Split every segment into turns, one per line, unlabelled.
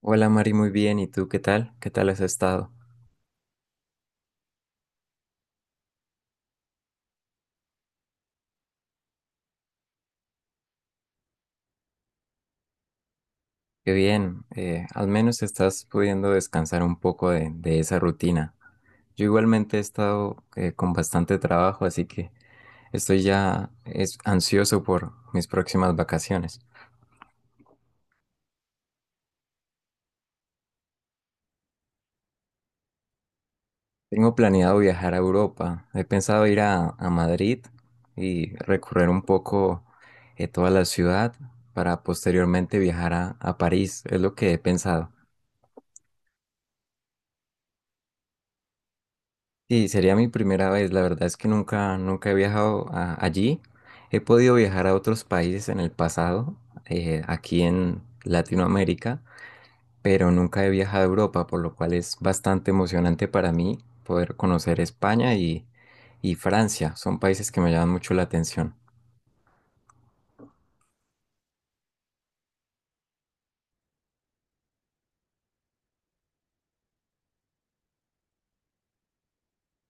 Hola Mari, muy bien. ¿Y tú qué tal? ¿Qué tal has estado? Qué bien. Al menos estás pudiendo descansar un poco de esa rutina. Yo igualmente he estado con bastante trabajo, así que estoy ansioso por mis próximas vacaciones. Tengo planeado viajar a Europa. He pensado ir a Madrid y recorrer un poco toda la ciudad para posteriormente viajar a París. Es lo que he pensado. Sí, sería mi primera vez. La verdad es que nunca he viajado allí. He podido viajar a otros países en el pasado, aquí en Latinoamérica, pero nunca he viajado a Europa, por lo cual es bastante emocionante para mí poder conocer España y Francia. Son países que me llaman mucho la atención.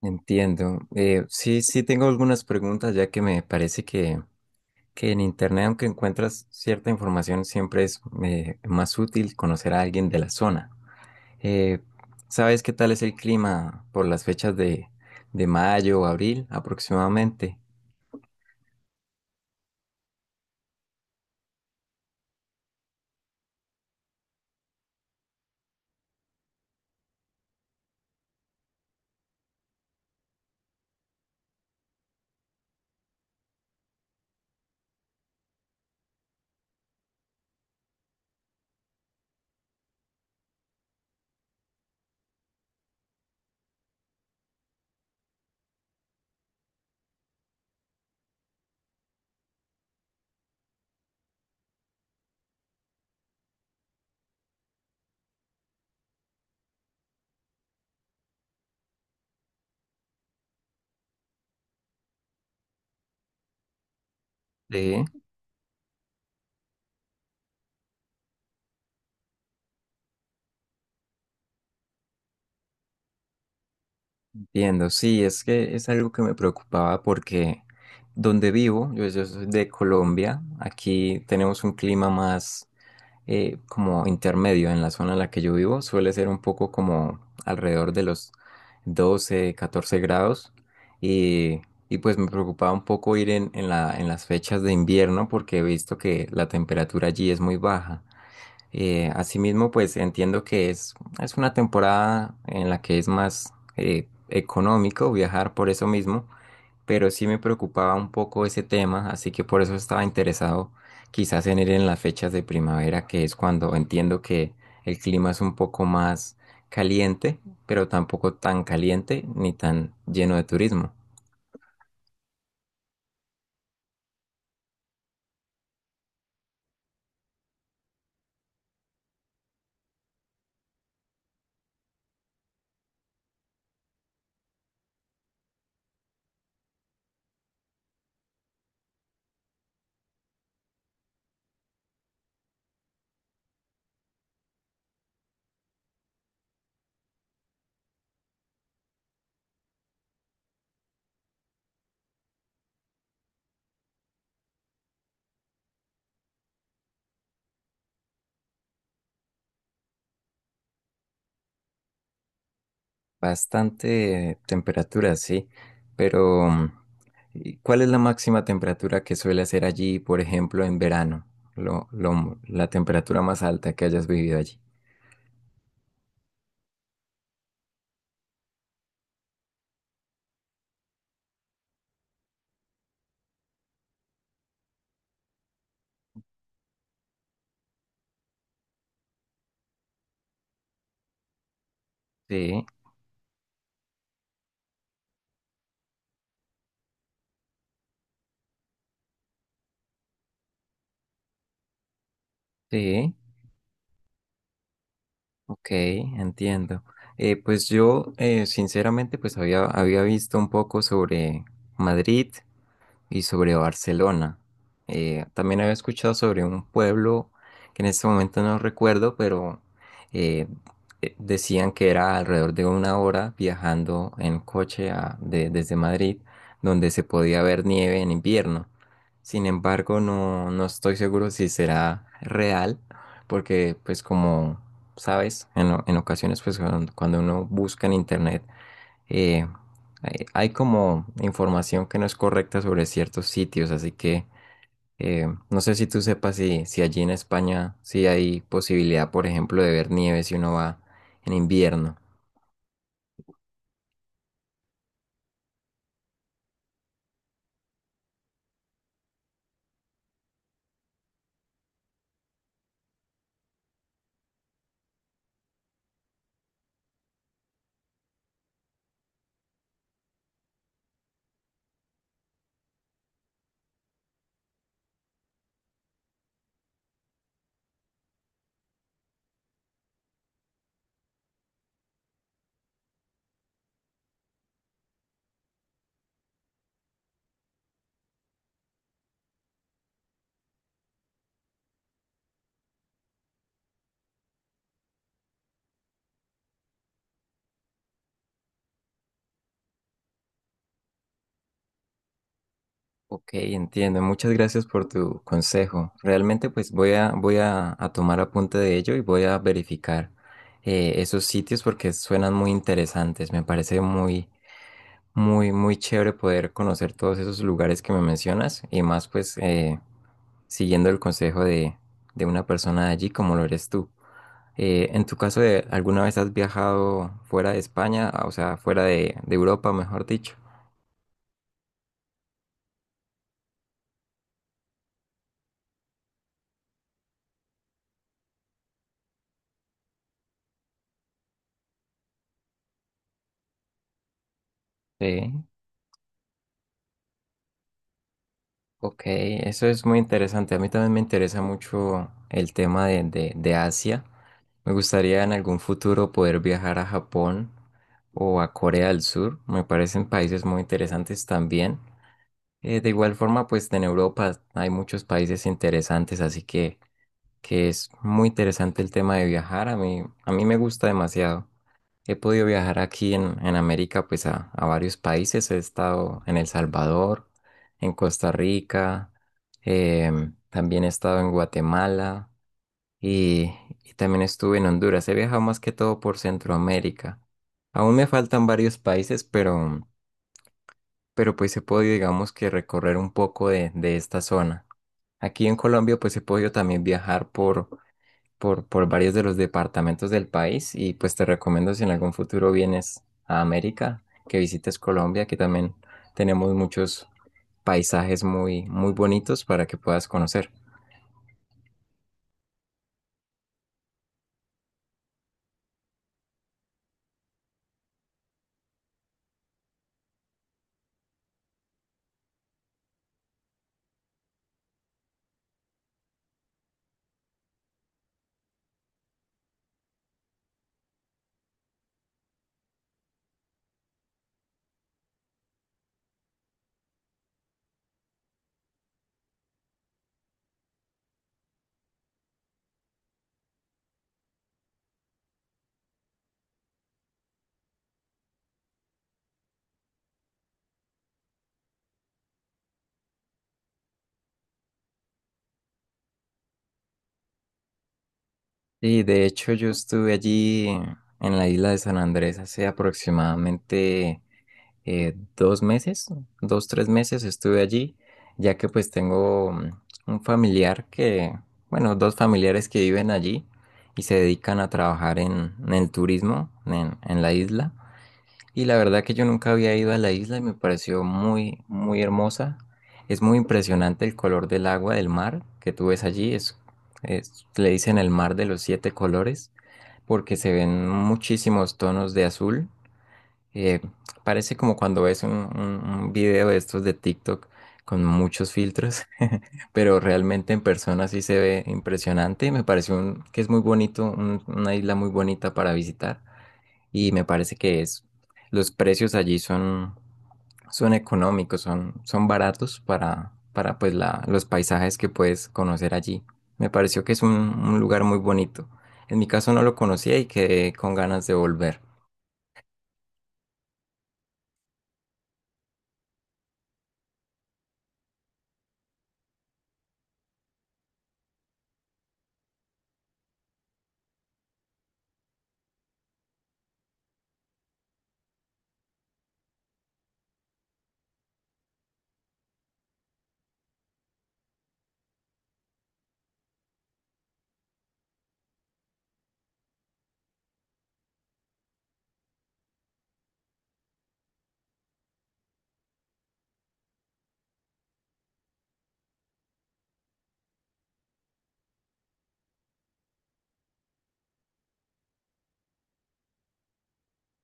Entiendo. Sí, sí tengo algunas preguntas, ya que me parece que en Internet, aunque encuentras cierta información, siempre es más útil conocer a alguien de la zona. Eh, ¿Sabes qué tal es el clima por las fechas de mayo o abril aproximadamente? Sí, entiendo. Sí, es que es algo que me preocupaba porque donde vivo, yo soy de Colombia, aquí tenemos un clima más, como intermedio en la zona en la que yo vivo. Suele ser un poco como alrededor de los 12 14 grados. Y, y pues me preocupaba un poco ir en las fechas de invierno porque he visto que la temperatura allí es muy baja. Asimismo, pues entiendo que es una temporada en la que es más económico viajar por eso mismo, pero sí me preocupaba un poco ese tema, así que por eso estaba interesado quizás en ir en las fechas de primavera, que es cuando entiendo que el clima es un poco más caliente, pero tampoco tan caliente ni tan lleno de turismo. Bastante temperatura, sí, pero ¿cuál es la máxima temperatura que suele hacer allí, por ejemplo, en verano? La temperatura más alta que hayas vivido allí. Sí, sí. Ok, entiendo. Pues yo, sinceramente, pues había visto un poco sobre Madrid y sobre Barcelona. También había escuchado sobre un pueblo que en este momento no recuerdo, pero eh, decían que era alrededor de una hora viajando en coche desde Madrid, donde se podía ver nieve en invierno. Sin embargo, no, no estoy seguro si será real, porque pues como sabes, en ocasiones, pues cuando uno busca en internet eh, hay como información que no es correcta sobre ciertos sitios, así que no sé si tú sepas si, si allí en España sí hay posibilidad, por ejemplo, de ver nieve si uno va en invierno. Ok, entiendo. Muchas gracias por tu consejo. Realmente pues voy a tomar apunte de ello y voy a verificar esos sitios porque suenan muy interesantes. Me parece muy chévere poder conocer todos esos lugares que me mencionas y más pues siguiendo el consejo de una persona de allí como lo eres tú. En tu caso, ¿alguna vez has viajado fuera de España, ah, o sea, fuera de Europa, mejor dicho? Sí, ok, eso es muy interesante. A mí también me interesa mucho el tema de Asia. Me gustaría en algún futuro poder viajar a Japón o a Corea del Sur. Me parecen países muy interesantes también. De igual forma, pues en Europa hay muchos países interesantes, así que es muy interesante el tema de viajar. A mí me gusta demasiado. He podido viajar aquí en América, pues a varios países. He estado en El Salvador, en Costa Rica, también he estado en Guatemala y, y también estuve en Honduras. He viajado más que todo por Centroamérica. Aún me faltan varios países, pero pues he podido, digamos, que recorrer un poco de esta zona. Aquí en Colombia pues he podido también viajar por varios de los departamentos del país y pues te recomiendo, si en algún futuro vienes a América, que visites Colombia, que también tenemos muchos paisajes muy, muy bonitos para que puedas conocer. Y de hecho yo estuve allí en la isla de San Andrés hace aproximadamente 2 meses, 2, 3 meses estuve allí, ya que pues tengo un familiar que, bueno, dos familiares que viven allí y se dedican a trabajar en el turismo en la isla. Y la verdad que yo nunca había ido a la isla y me pareció muy, muy hermosa. Es muy impresionante el color del agua del mar que tú ves allí. Le dicen el mar de los siete colores porque se ven muchísimos tonos de azul eh, parece como cuando ves un video de estos de TikTok con muchos filtros, pero realmente en persona sí se ve impresionante. Me parece que es muy bonito, una isla muy bonita para visitar y me parece que los precios allí son económicos, son baratos para pues los paisajes que puedes conocer allí. Me pareció que es un lugar muy bonito. En mi caso no lo conocía y quedé con ganas de volver.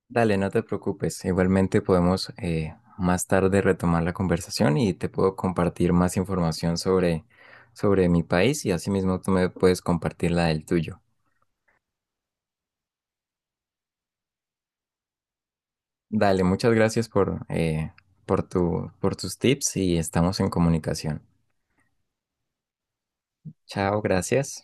Dale, no te preocupes. Igualmente podemos más tarde retomar la conversación y te puedo compartir más información sobre mi país y asimismo tú me puedes compartir la del tuyo. Dale, muchas gracias por tus tips y estamos en comunicación. Chao, gracias.